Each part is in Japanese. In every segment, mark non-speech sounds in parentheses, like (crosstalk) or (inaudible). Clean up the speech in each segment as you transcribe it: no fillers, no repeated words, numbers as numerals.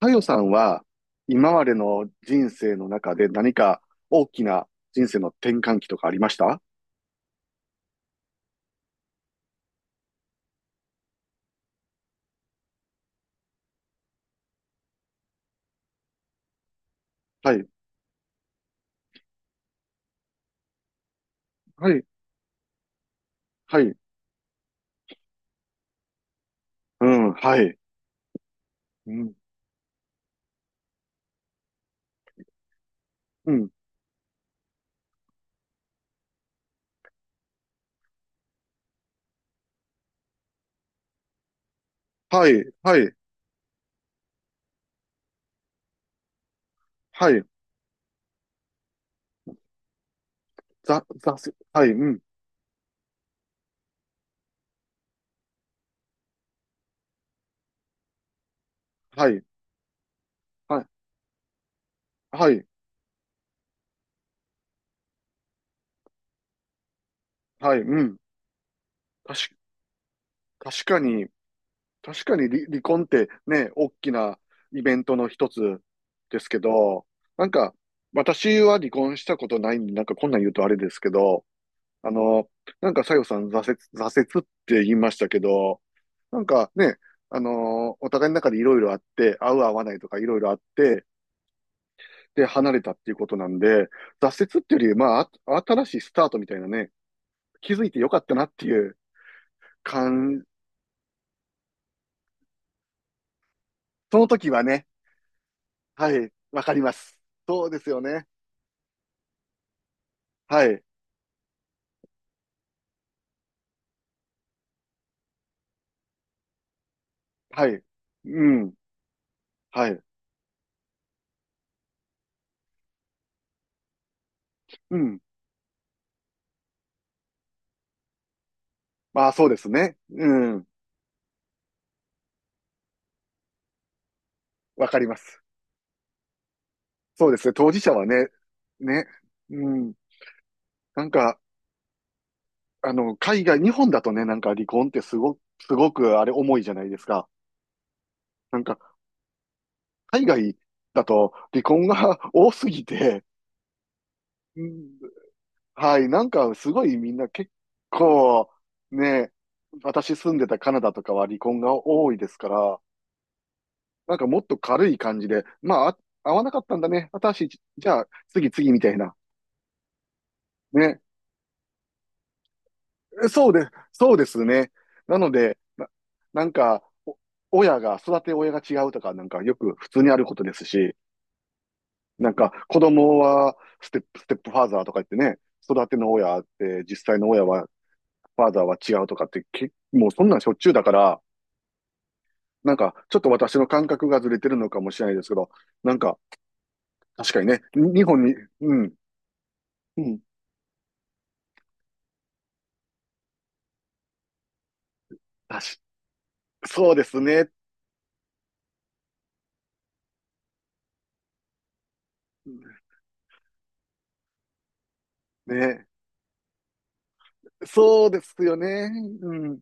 かよさんは、今までの人生の中で何か大きな人生の転換期とかありました？はい、はい、はい、うん、はい、うん、うん、はい、はい、はい、ざ、ざ、はい、うん、はい、はい、はい、はい、うん。確か、確かに、確かに離婚ってね、大きなイベントの一つですけど、なんか、私は離婚したことないんで、なんかこんなん言うとあれですけど、あの、なんか、さよさん、挫折って言いましたけど、なんかね、あの、お互いの中でいろいろあって、合う合わないとかいろいろあって、で、離れたっていうことなんで、挫折っていうより、まあ、あ新しいスタートみたいなね、気づいてよかったなっていう感、その時はね、はい、わかります。そうですよね。はい、はい、うん、はい、うん。まあ、そうですね。うん、わかります。そうですね。当事者はね、ね、うん、なんか、あの、海外、日本だとね、なんか離婚ってすごくあれ重いじゃないですか。なんか、海外だと離婚が (laughs) 多すぎて、うん、はい、なんかすごいみんな結構、ね、私住んでたカナダとかは離婚が多いですから、なんかもっと軽い感じで、まあ、あ合わなかったんだね。私、じゃあ次次みたいな。ね、そうですね。なので、な、なんか、親が、育て親が違うとか、なんかよく普通にあることですし、なんか子供はステップ、ステップファーザーとか言ってね、育ての親って、実際の親は、ファーザーは違うとかって、もうそんなんしょっちゅうだから、なんかちょっと私の感覚がずれてるのかもしれないですけど、なんか確かにね、に日本に、うん、うん、確そうですね、ね、そうですよね、うん、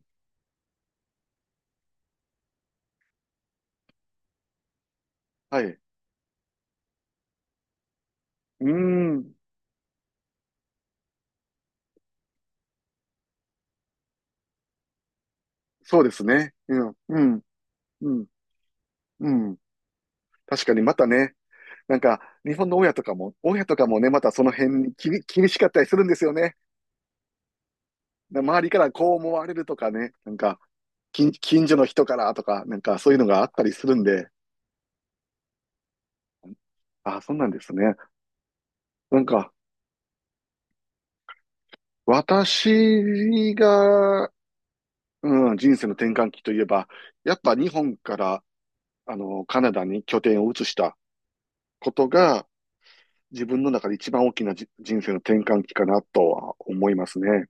はい、うん、そうですね。うん、うん、うん、うん。確かにまたね、なんか、日本の親とかも、親とかもね、またその辺に気に、厳しかったりするんですよね。な周りからこう思われるとかね、なんか、近所の人からとか、なんかそういうのがあったりするんで、あ、そうなんですね。なんか、私が、うん、人生の転換期といえば、やっぱ日本から、あの、カナダに拠点を移したことが、自分の中で一番大きなじ人生の転換期かなとは思いますね。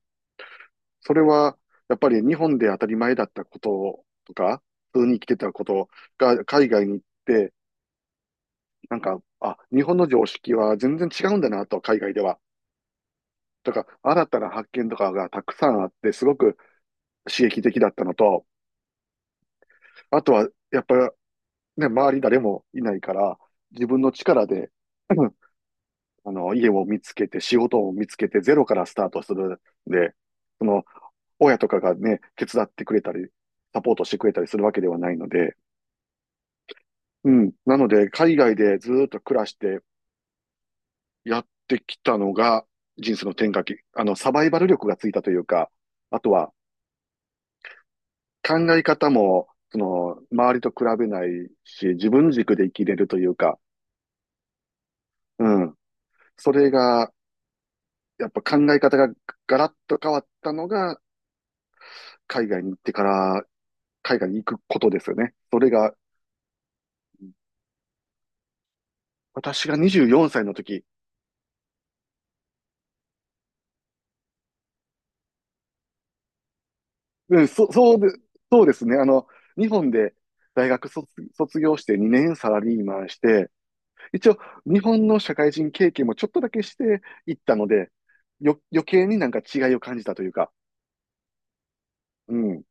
それは、やっぱり日本で当たり前だったこととか、普通に生きてたことが海外に行って、なんか、あ、日本の常識は全然違うんだなと、海外では。とか、新たな発見とかがたくさんあって、すごく刺激的だったのと、あとは、やっぱりね、周り誰もいないから、自分の力で、(clears throat) うん、あの、家を見つけて、仕事を見つけて、ゼロからスタートするんで、その、親とかがね、手伝ってくれたり、サポートしてくれたりするわけではないので、うん。なので、海外でずーっと暮らしてやってきたのが、人生の転換期、あの、サバイバル力がついたというか、あとは考え方も、その、周りと比べないし、自分軸で生きれるというか、うん。それが、やっぱ考え方がガラッと変わったのが、海外に行ってから、海外に行くことですよね。それが、私が24歳の時、うん、そうで、そうですね。あの、日本で大学卒、卒業して2年サラリーマンして、一応日本の社会人経験もちょっとだけしていったので、よ、余計になんか違いを感じたというか、うん、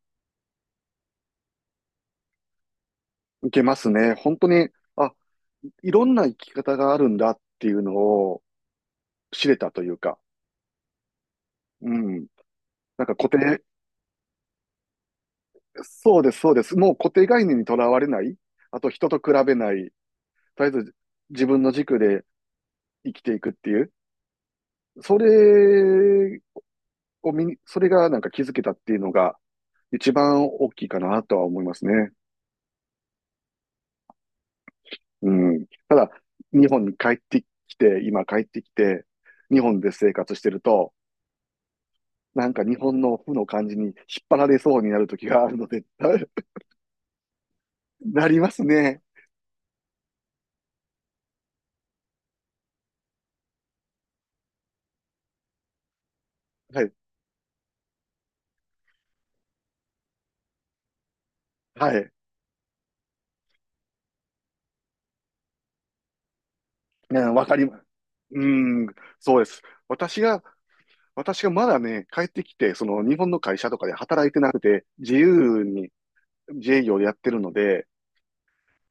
いけますね。本当に、あ、いろんな生き方があるんだっていうのを知れたというか、うん、なんか固定、そうです、そうです。もう固定概念にとらわれない、あと人と比べない、とりあえず自分の軸で生きていくっていう、それを見に、それがなんか気づけたっていうのが一番大きいかなとは思いますね。うん。日本に帰ってきて、今帰ってきて、日本で生活してると、なんか日本の負の感じに引っ張られそうになる時があるので、(laughs) なりますね。はい。はい。うん、わかります。うん、そうです。私が、私がまだね、帰ってきて、その日本の会社とかで働いてなくて、自由に自営業でやってるので、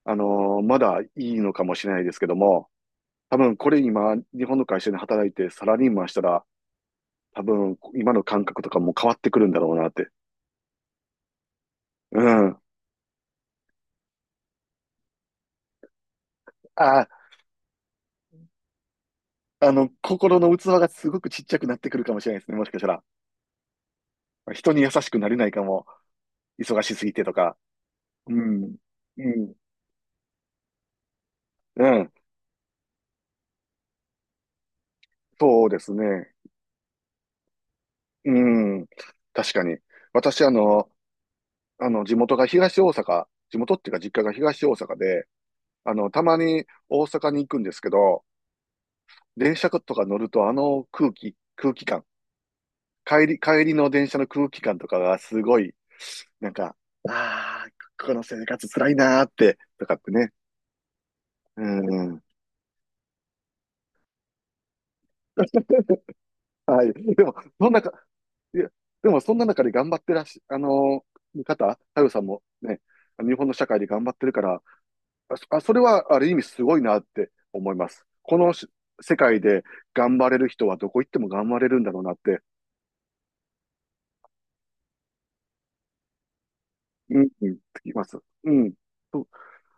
あのーまだいいのかもしれないですけども、多分これ今、日本の会社で働いてサラリーマンしたら、多分今の感覚とかも変わってくるんだろうなって。うん。あ、あの、心の器がすごくちっちゃくなってくるかもしれないですね、もしかしたら。人に優しくなれないかも。忙しすぎてとか。うん。うん。うん。そうですね。うん。確かに。私、あの、あの、地元が東大阪、地元っていうか実家が東大阪で、あの、たまに大阪に行くんですけど、電車とか乗るとあの空気感、帰りの電車の空気感とかがすごい、なんか、ああ、この生活辛いなーって、とかってね。うん。(laughs) はい。でも、そんなか、いや、でもそんな中で頑張ってらっし、あのー方、太陽さんもね、日本の社会で頑張ってるから、それはある意味すごいなって思います。このし世界で頑張れる人はどこ行っても頑張れるんだろうなって、うん、うん、つきます。うん。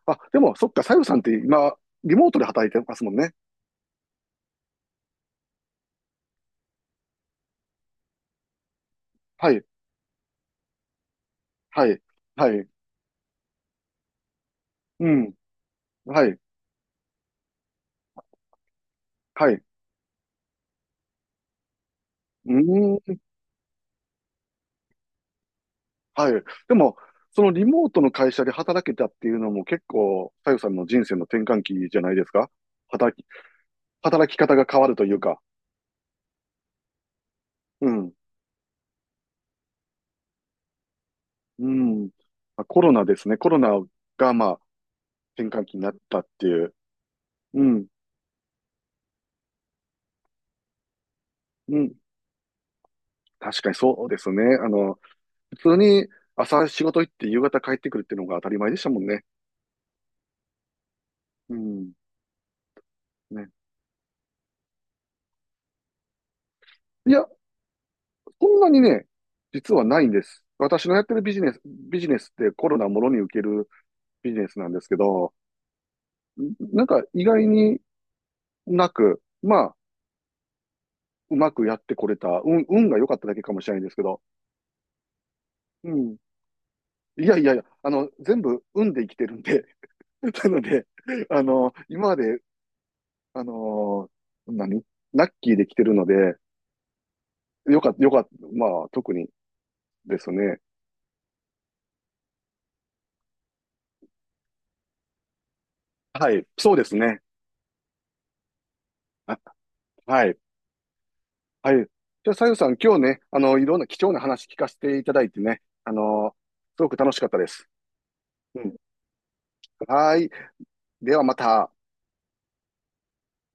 あ、でも、そっか、さゆさんって今、リモートで働いてますもんね。はい、はい、はい、うん、はい、はい、うーん、はい。でも、そのリモートの会社で働けたっていうのも結構、さゆさんの人生の転換期じゃないですか？働き、働き方が変わるというか。うん、うん。まあコロナですね。コロナが、まあ、転換期になったっていう。うん、うん。確かにそうですね。あの、普通に朝仕事行って夕方帰ってくるっていうのが当たり前でしたもんね。うん。ね。いや、そんなにね、実はないんです。私のやってるビジネス、ビジネスってコロナもろに受けるビジネスなんですけど、なんか意外になく、まあ、うまくやってこれた、運が良かっただけかもしれないんですけど、うん。いやいやいや、あの、全部運で生きてるんで、(laughs) なので、あの、今まで、あの何ラッキーで来てるので、よかった、まあ、特にですね。はい、そうですね。あ、はい。はい。じゃあ、さゆさん、今日ね、あの、いろんな貴重な話聞かせていただいてね、あの、すごく楽しかったです。うん。はーい。ではまた。